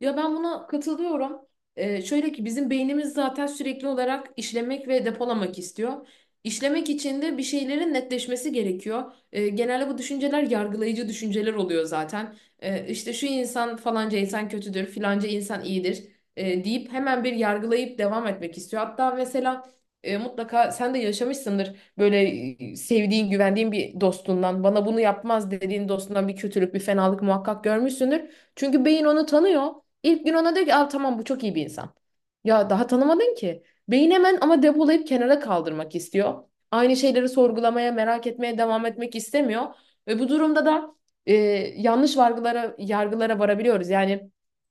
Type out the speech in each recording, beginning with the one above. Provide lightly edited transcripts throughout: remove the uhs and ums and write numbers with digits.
Ya ben buna katılıyorum. Şöyle ki bizim beynimiz zaten sürekli olarak işlemek ve depolamak istiyor. İşlemek için de bir şeylerin netleşmesi gerekiyor. Genelde bu düşünceler yargılayıcı düşünceler oluyor zaten. İşte şu insan falanca insan kötüdür, filanca insan iyidir deyip hemen bir yargılayıp devam etmek istiyor. Hatta mesela mutlaka sen de yaşamışsındır böyle sevdiğin, güvendiğin bir dostundan, bana bunu yapmaz dediğin dostundan bir kötülük, bir fenalık muhakkak görmüşsündür. Çünkü beyin onu tanıyor. İlk gün ona diyor ki, aa, tamam bu çok iyi bir insan. Ya daha tanımadın ki. Beyin hemen ama depolayıp kenara kaldırmak istiyor. Aynı şeyleri sorgulamaya, merak etmeye devam etmek istemiyor. Ve bu durumda da e, yanlış yargılara varabiliyoruz. Yani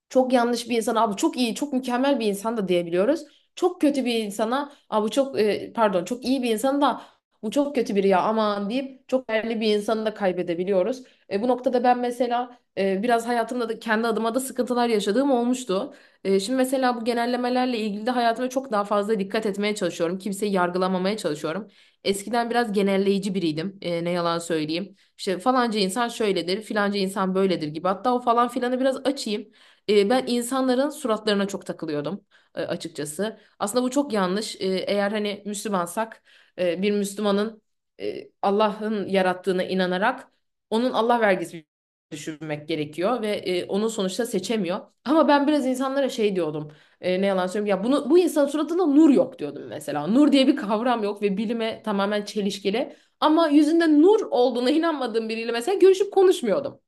çok yanlış bir insana abi çok iyi, çok mükemmel bir insan da diyebiliyoruz. Çok kötü bir insana abi bu çok e, pardon çok iyi bir insan da bu çok kötü biri ya aman deyip çok değerli bir insanı da kaybedebiliyoruz. Bu noktada ben mesela biraz hayatımda da kendi adıma da sıkıntılar yaşadığım olmuştu. Şimdi mesela bu genellemelerle ilgili de hayatıma çok daha fazla dikkat etmeye çalışıyorum. Kimseyi yargılamamaya çalışıyorum. Eskiden biraz genelleyici biriydim. Ne yalan söyleyeyim. İşte falanca insan şöyledir, filanca insan böyledir gibi. Hatta o falan filanı biraz açayım. Ben insanların suratlarına çok takılıyordum açıkçası. Aslında bu çok yanlış. Eğer hani Müslümansak bir Müslümanın Allah'ın yarattığına inanarak onun Allah vergisi düşünmek gerekiyor ve onu sonuçta seçemiyor. Ama ben biraz insanlara şey diyordum. Ne yalan söyleyeyim ya bunu bu insanın suratında nur yok diyordum mesela. Nur diye bir kavram yok ve bilime tamamen çelişkili. Ama yüzünde nur olduğuna inanmadığım biriyle mesela görüşüp konuşmuyordum.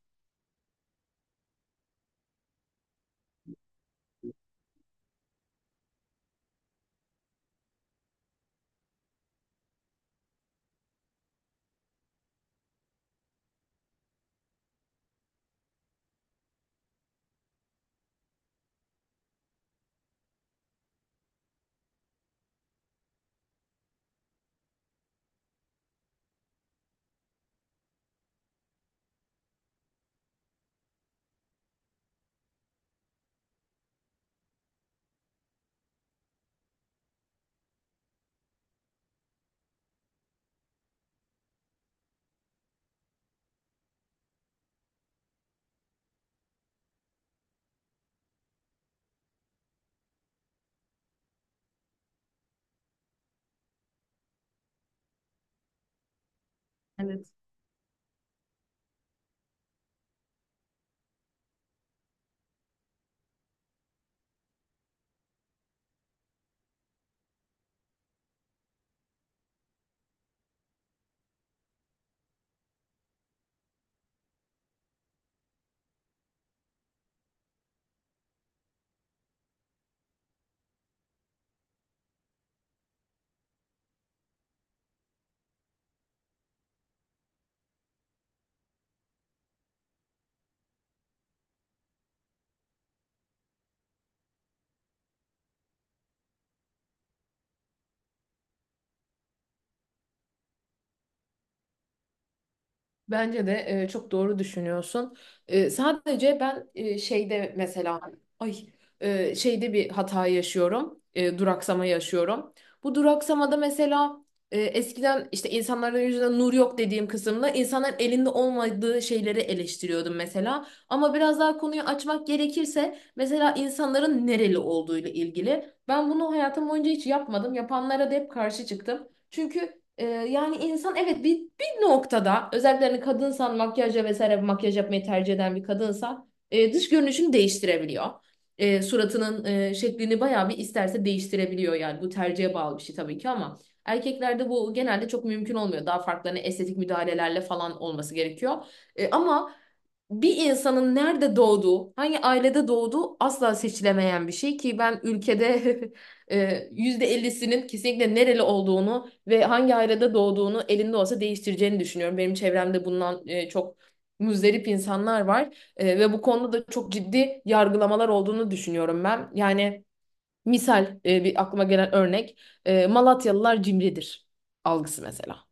Evet. Bence de çok doğru düşünüyorsun. Sadece ben şeyde mesela ay şeyde bir hata yaşıyorum. Duraksama yaşıyorum. Bu duraksamada mesela eskiden işte insanların yüzünden nur yok dediğim kısımda insanların elinde olmadığı şeyleri eleştiriyordum mesela. Ama biraz daha konuyu açmak gerekirse mesela insanların nereli olduğuyla ilgili. Ben bunu hayatım boyunca hiç yapmadım. Yapanlara da hep karşı çıktım. Çünkü yani insan evet bir noktada özellikle hani kadınsan makyajla vesaire makyaj yapmayı tercih eden bir kadınsa dış görünüşünü değiştirebiliyor. Suratının şeklini bayağı bir isterse değiştirebiliyor, yani bu tercihe bağlı bir şey tabii ki, ama erkeklerde bu genelde çok mümkün olmuyor. Daha farklı hani estetik müdahalelerle falan olması gerekiyor. Ama bir insanın nerede doğduğu, hangi ailede doğduğu asla seçilemeyen bir şey ki ben ülkede yüzde %50'sinin kesinlikle nereli olduğunu ve hangi ayrada doğduğunu elinde olsa değiştireceğini düşünüyorum. Benim çevremde bundan çok muzdarip insanlar var. Ve bu konuda da çok ciddi yargılamalar olduğunu düşünüyorum ben. Yani misal bir aklıma gelen örnek, Malatyalılar cimridir algısı mesela.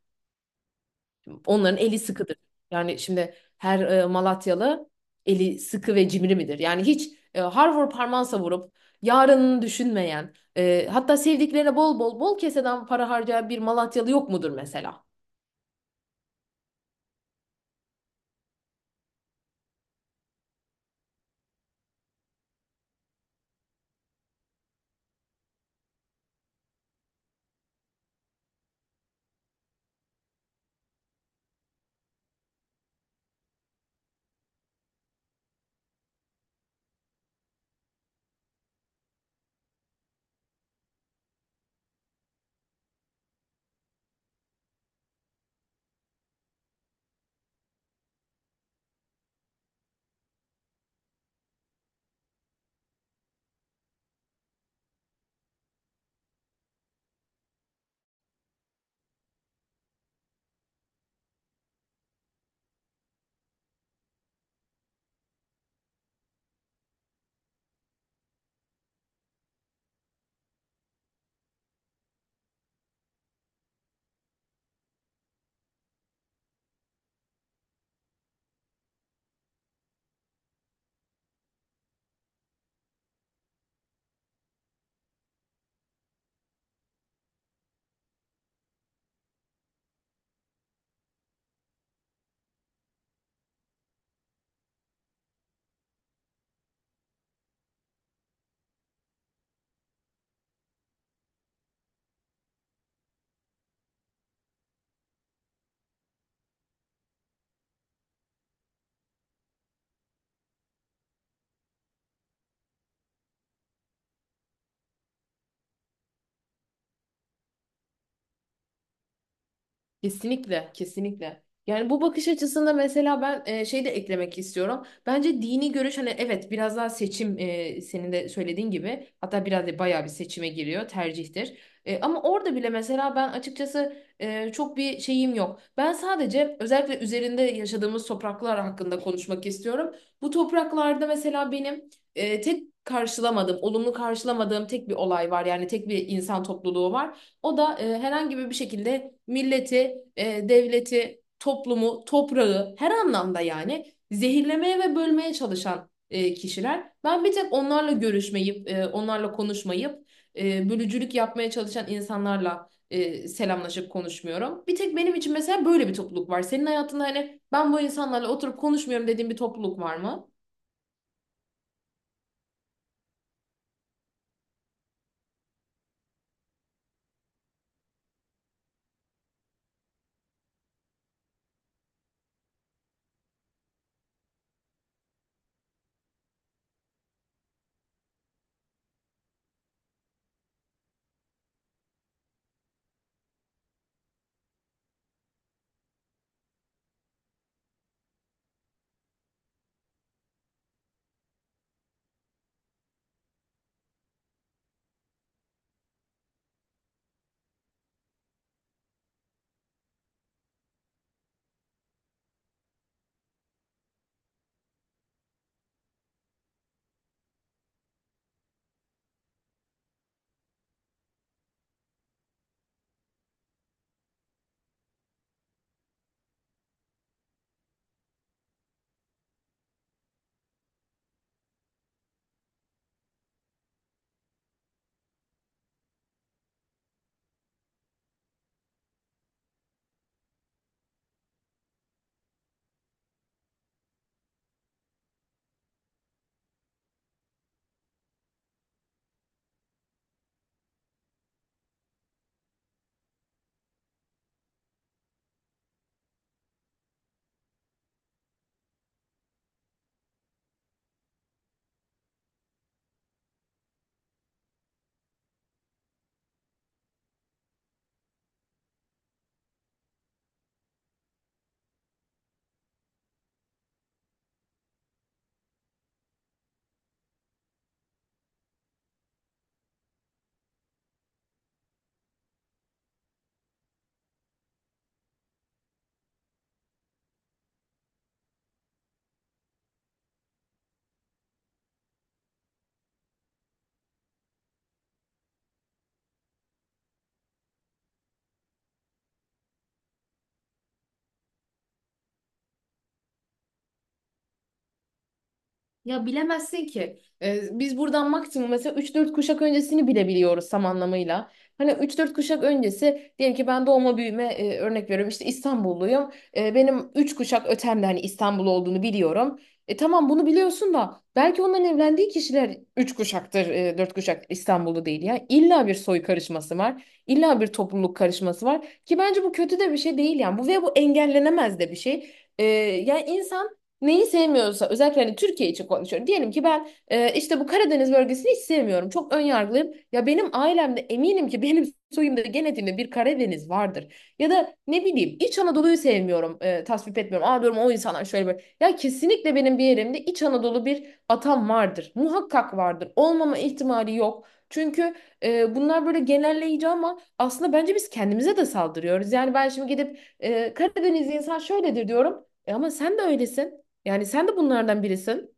Onların eli sıkıdır. Yani şimdi her Malatyalı eli sıkı ve cimri midir? Yani hiç harvur parmağı savurup yarınını düşünmeyen, hatta sevdiklerine bol bol bol keseden para harcayan bir Malatyalı yok mudur mesela? Kesinlikle, kesinlikle. Yani bu bakış açısında mesela ben şey de eklemek istiyorum. Bence dini görüş, hani evet biraz daha seçim, senin de söylediğin gibi hatta biraz da bayağı bir seçime giriyor, tercihtir. Ama orada bile mesela ben açıkçası çok bir şeyim yok. Ben sadece özellikle üzerinde yaşadığımız topraklar hakkında konuşmak istiyorum. Bu topraklarda mesela benim tek karşılamadığım, olumlu karşılamadığım tek bir olay var. Yani tek bir insan topluluğu var. O da herhangi bir şekilde milleti, devleti, toplumu, toprağı her anlamda yani zehirlemeye ve bölmeye çalışan kişiler. Ben bir tek onlarla görüşmeyip, onlarla konuşmayıp, bölücülük yapmaya çalışan insanlarla selamlaşıp konuşmuyorum. Bir tek benim için mesela böyle bir topluluk var. Senin hayatında hani ben bu insanlarla oturup konuşmuyorum dediğin bir topluluk var mı? Ya bilemezsin ki. Biz buradan maksimum mesela üç dört kuşak öncesini bilebiliyoruz tam anlamıyla. Hani üç dört kuşak öncesi diyelim ki ben doğma büyüme, örnek veriyorum, işte İstanbulluyum. Benim 3 kuşak ötemde hani İstanbul olduğunu biliyorum. E tamam bunu biliyorsun da belki onların evlendiği kişiler 3 kuşaktır, 4 kuşak İstanbullu değil ya. İlla bir soy karışması var. İlla bir topluluk karışması var ki bence bu kötü de bir şey değil yani. Bu ve bu engellenemez de bir şey. Yani insan neyi sevmiyorsa, özellikle hani Türkiye için konuşuyorum. Diyelim ki ben işte bu Karadeniz bölgesini hiç sevmiyorum. Çok ön yargılıyım. Ya benim ailemde eminim ki benim soyumda genetiğimde bir Karadeniz vardır. Ya da ne bileyim İç Anadolu'yu sevmiyorum. Tasvip etmiyorum. Aa diyorum o insanlar şöyle böyle. Ya kesinlikle benim bir yerimde İç Anadolu bir atam vardır. Muhakkak vardır. Olmama ihtimali yok. Çünkü bunlar böyle genelleyici, ama aslında bence biz kendimize de saldırıyoruz. Yani ben şimdi gidip Karadeniz insan şöyledir diyorum. E ama sen de öylesin. Yani sen de bunlardan birisin.